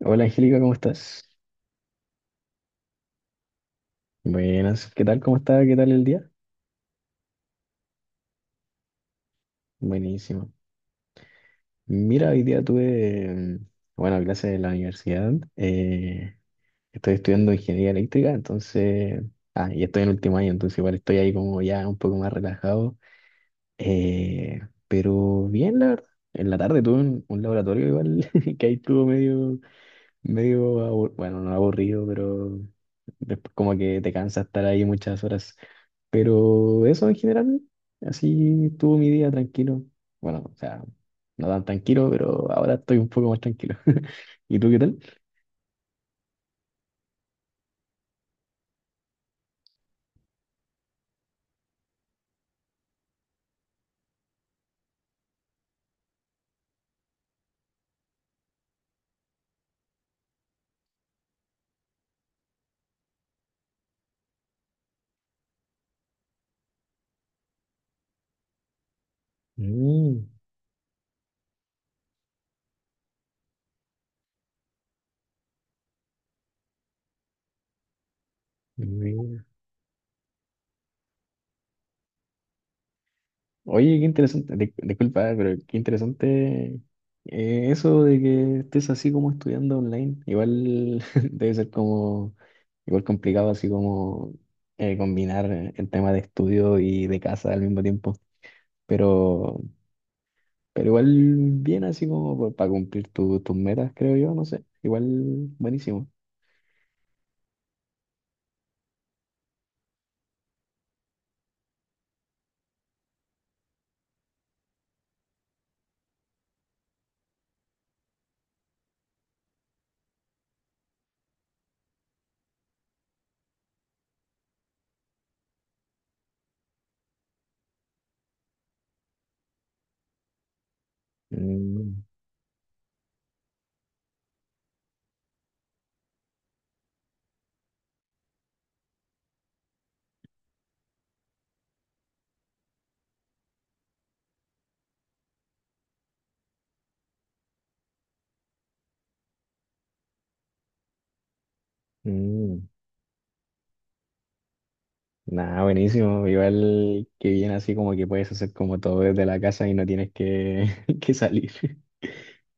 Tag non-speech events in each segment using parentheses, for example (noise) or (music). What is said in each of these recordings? Hola Angélica, ¿cómo estás? Buenas, ¿qué tal? ¿Cómo está? ¿Qué tal el día? Buenísimo. Mira, hoy día tuve, bueno, clases de la universidad. Estoy estudiando ingeniería eléctrica, entonces, y estoy en último año, entonces igual estoy ahí como ya un poco más relajado. eh, pero bien, la verdad. En la tarde tuve un laboratorio igual, (laughs) que ahí estuvo medio, bueno, no aburrido, pero después como que te cansa estar ahí muchas horas. Pero eso en general, así estuvo mi día tranquilo. Bueno, o sea, no tan tranquilo, pero ahora estoy un poco más tranquilo. (laughs) ¿Y tú qué tal? Mm, Mira. Oye, qué interesante, disculpa, pero qué interesante eso de que estés así como estudiando online. Igual (laughs) debe ser como, igual complicado así como combinar el tema de estudio y de casa al mismo tiempo. Pero Pero igual bien así como para cumplir tus metas, creo yo, no sé. Igual buenísimo. Mm, mm. Nada, buenísimo. Igual que bien así como que puedes hacer como todo desde la casa y no tienes que, (laughs) que salir. (laughs)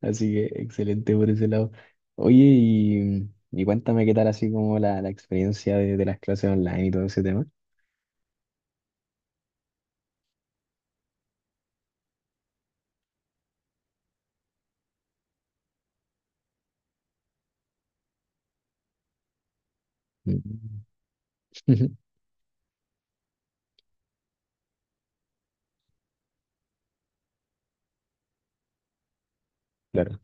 Así que excelente por ese lado. Oye, y cuéntame qué tal así como la experiencia de las clases online y todo ese tema. Mm. (laughs) Claro.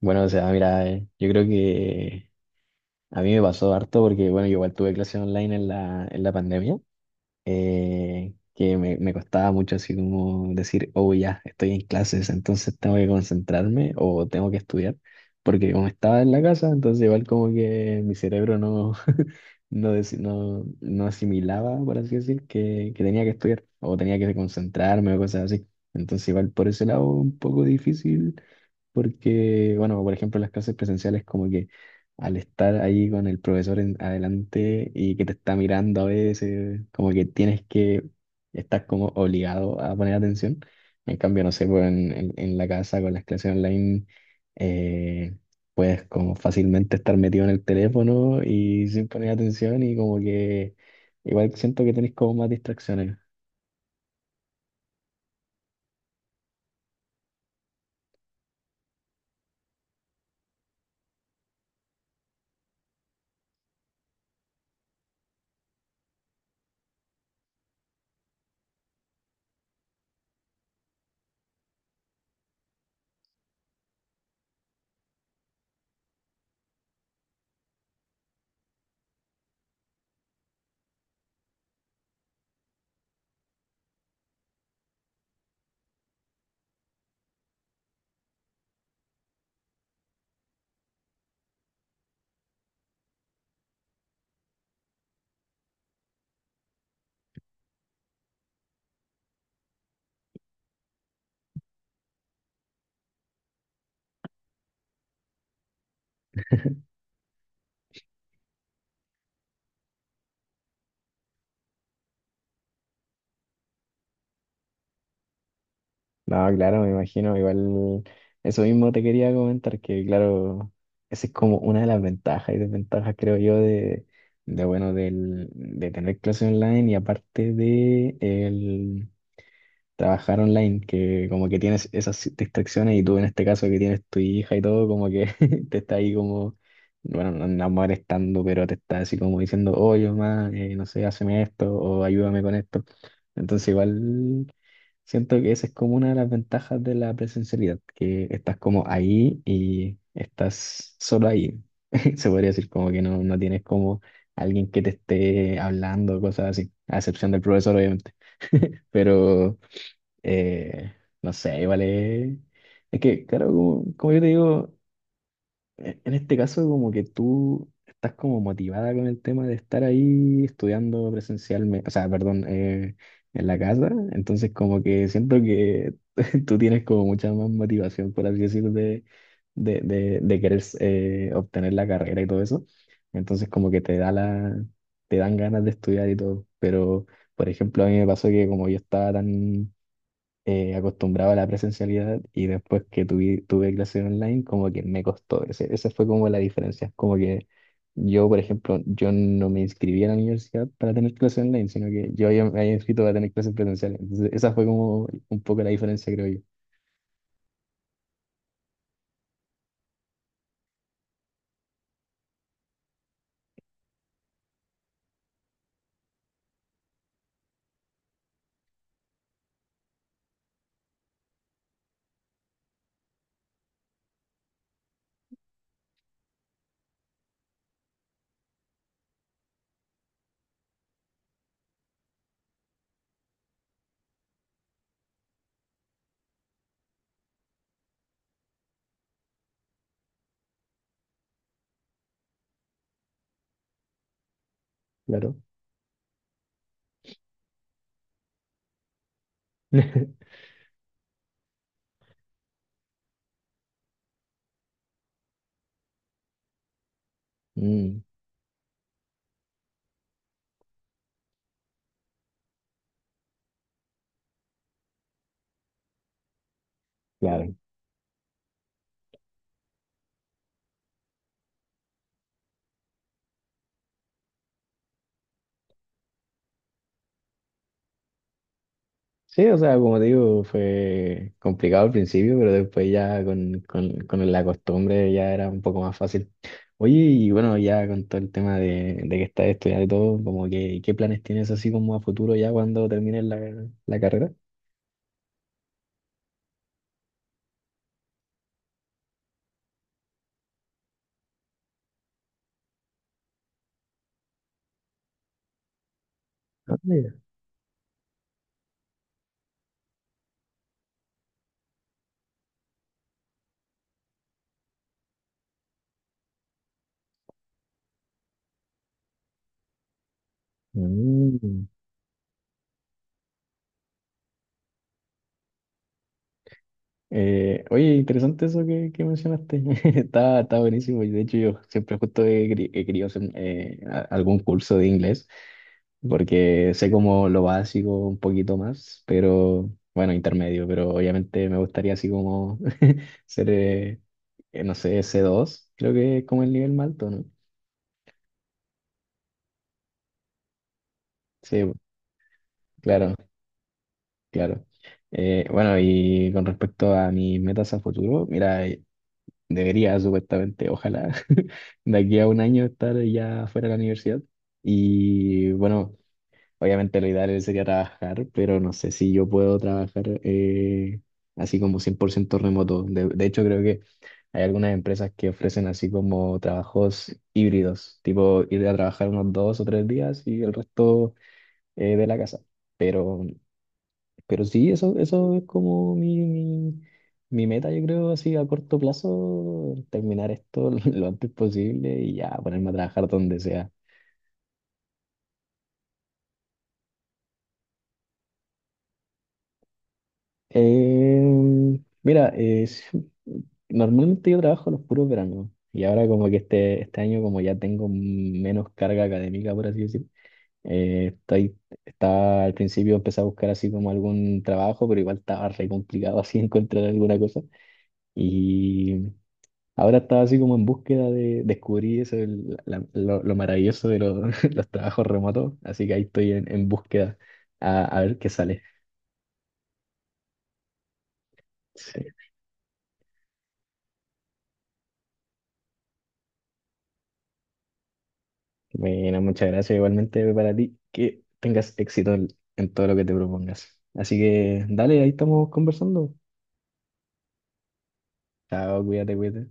Bueno, o sea, mira, yo creo que a mí me pasó harto porque, bueno, yo igual tuve clases online en la pandemia, que me costaba mucho así como decir, oh, ya, estoy en clases, entonces tengo que concentrarme o tengo que estudiar, porque como estaba en la casa, entonces igual como que mi cerebro no, (laughs) no asimilaba, por así decir, que tenía que estudiar o tenía que concentrarme o cosas así. Entonces igual por ese lado un poco difícil porque, bueno, por ejemplo, las clases presenciales como que al estar ahí con el profesor adelante y que te está mirando a veces, como que tienes que, estás como obligado a poner atención. En cambio, no sé, pues en la casa con las clases online, eh, puedes como fácilmente estar metido en el teléfono y sin poner atención y como que igual siento que tenés como más distracciones. No, claro, me imagino, igual eso mismo te quería comentar, que claro, esa es como una de las ventajas y desventajas, creo yo, de bueno, de tener clases online y aparte de trabajar online, que como que tienes esas distracciones y tú en este caso que tienes tu hija y todo, como que (laughs) te está ahí como, bueno, no molestando, pero te está así como diciendo, oye, mamá, no sé, hazme esto o ayúdame con esto. Entonces igual siento que esa es como una de las ventajas de la presencialidad, que estás como ahí y estás solo ahí. (laughs) Se podría decir como que no tienes como alguien que te esté hablando, cosas así, a excepción del profesor, obviamente. (laughs) Pero eh, no sé, vale. Es que, claro, como yo te digo, en este caso como que tú estás como motivada con el tema de estar ahí estudiando presencialmente, o sea, perdón, en la casa, entonces como que siento que (laughs) tú tienes como mucha más motivación, por así decirlo, de querer obtener la carrera y todo eso, entonces como que te dan ganas de estudiar y todo, pero, por ejemplo, a mí me pasó que como yo estaba tan acostumbrado a la presencialidad y después que tuve clases online, como que me costó. Esa fue como la diferencia. Como que yo, por ejemplo, yo no me inscribí a la universidad para tener clases online, sino que yo me había inscrito para tener clases presenciales. Entonces, esa fue como un poco la diferencia, creo yo. Claro. (laughs) Mm, claro. Sí, o sea, como te digo, fue complicado al principio, pero después ya con la costumbre ya era un poco más fácil. Oye, y bueno, ya con todo el tema de que estás estudiando y todo, como que, ¿qué planes tienes así como a futuro ya cuando termines la carrera? Ah, mira. Mm. Oye, interesante eso que mencionaste. (laughs) Está buenísimo. Y de hecho, yo siempre justo he querido hacer algún curso de inglés. Porque sé como lo básico un poquito más, pero bueno, intermedio, pero obviamente me gustaría así como (laughs) ser, eh, no sé, C2 creo que es como el nivel más alto, ¿no? Sí, claro, claro. Bueno, y con respecto a mis metas a futuro, mira, debería supuestamente, ojalá, (laughs) de aquí a un año estar ya fuera de la universidad. Y bueno, obviamente lo ideal sería trabajar, pero no sé si yo puedo trabajar así como 100% remoto. De hecho, creo que hay algunas empresas que ofrecen así como trabajos híbridos, tipo ir a trabajar unos 2 o 3 días y el resto de la casa. Pero, pero sí, eso es como mi meta, yo creo, así a corto plazo, terminar esto (laughs) lo antes posible y ya ponerme a trabajar donde sea. Mira, sí, normalmente yo trabajo los puros veranos y ahora como que este año como ya tengo menos carga académica, por así decir, eh, estoy, estaba al principio empecé a buscar así como algún trabajo, pero igual estaba re complicado así (laughs) encontrar alguna cosa y ahora estaba así como en búsqueda de descubrir eso, lo maravilloso de los, (laughs) los trabajos remotos, así que ahí estoy en búsqueda a ver qué sale. Sí. Bueno, muchas gracias. Igualmente para ti, que tengas éxito en todo lo que te propongas. Así que dale, ahí estamos conversando. Chao, cuídate, cuídate.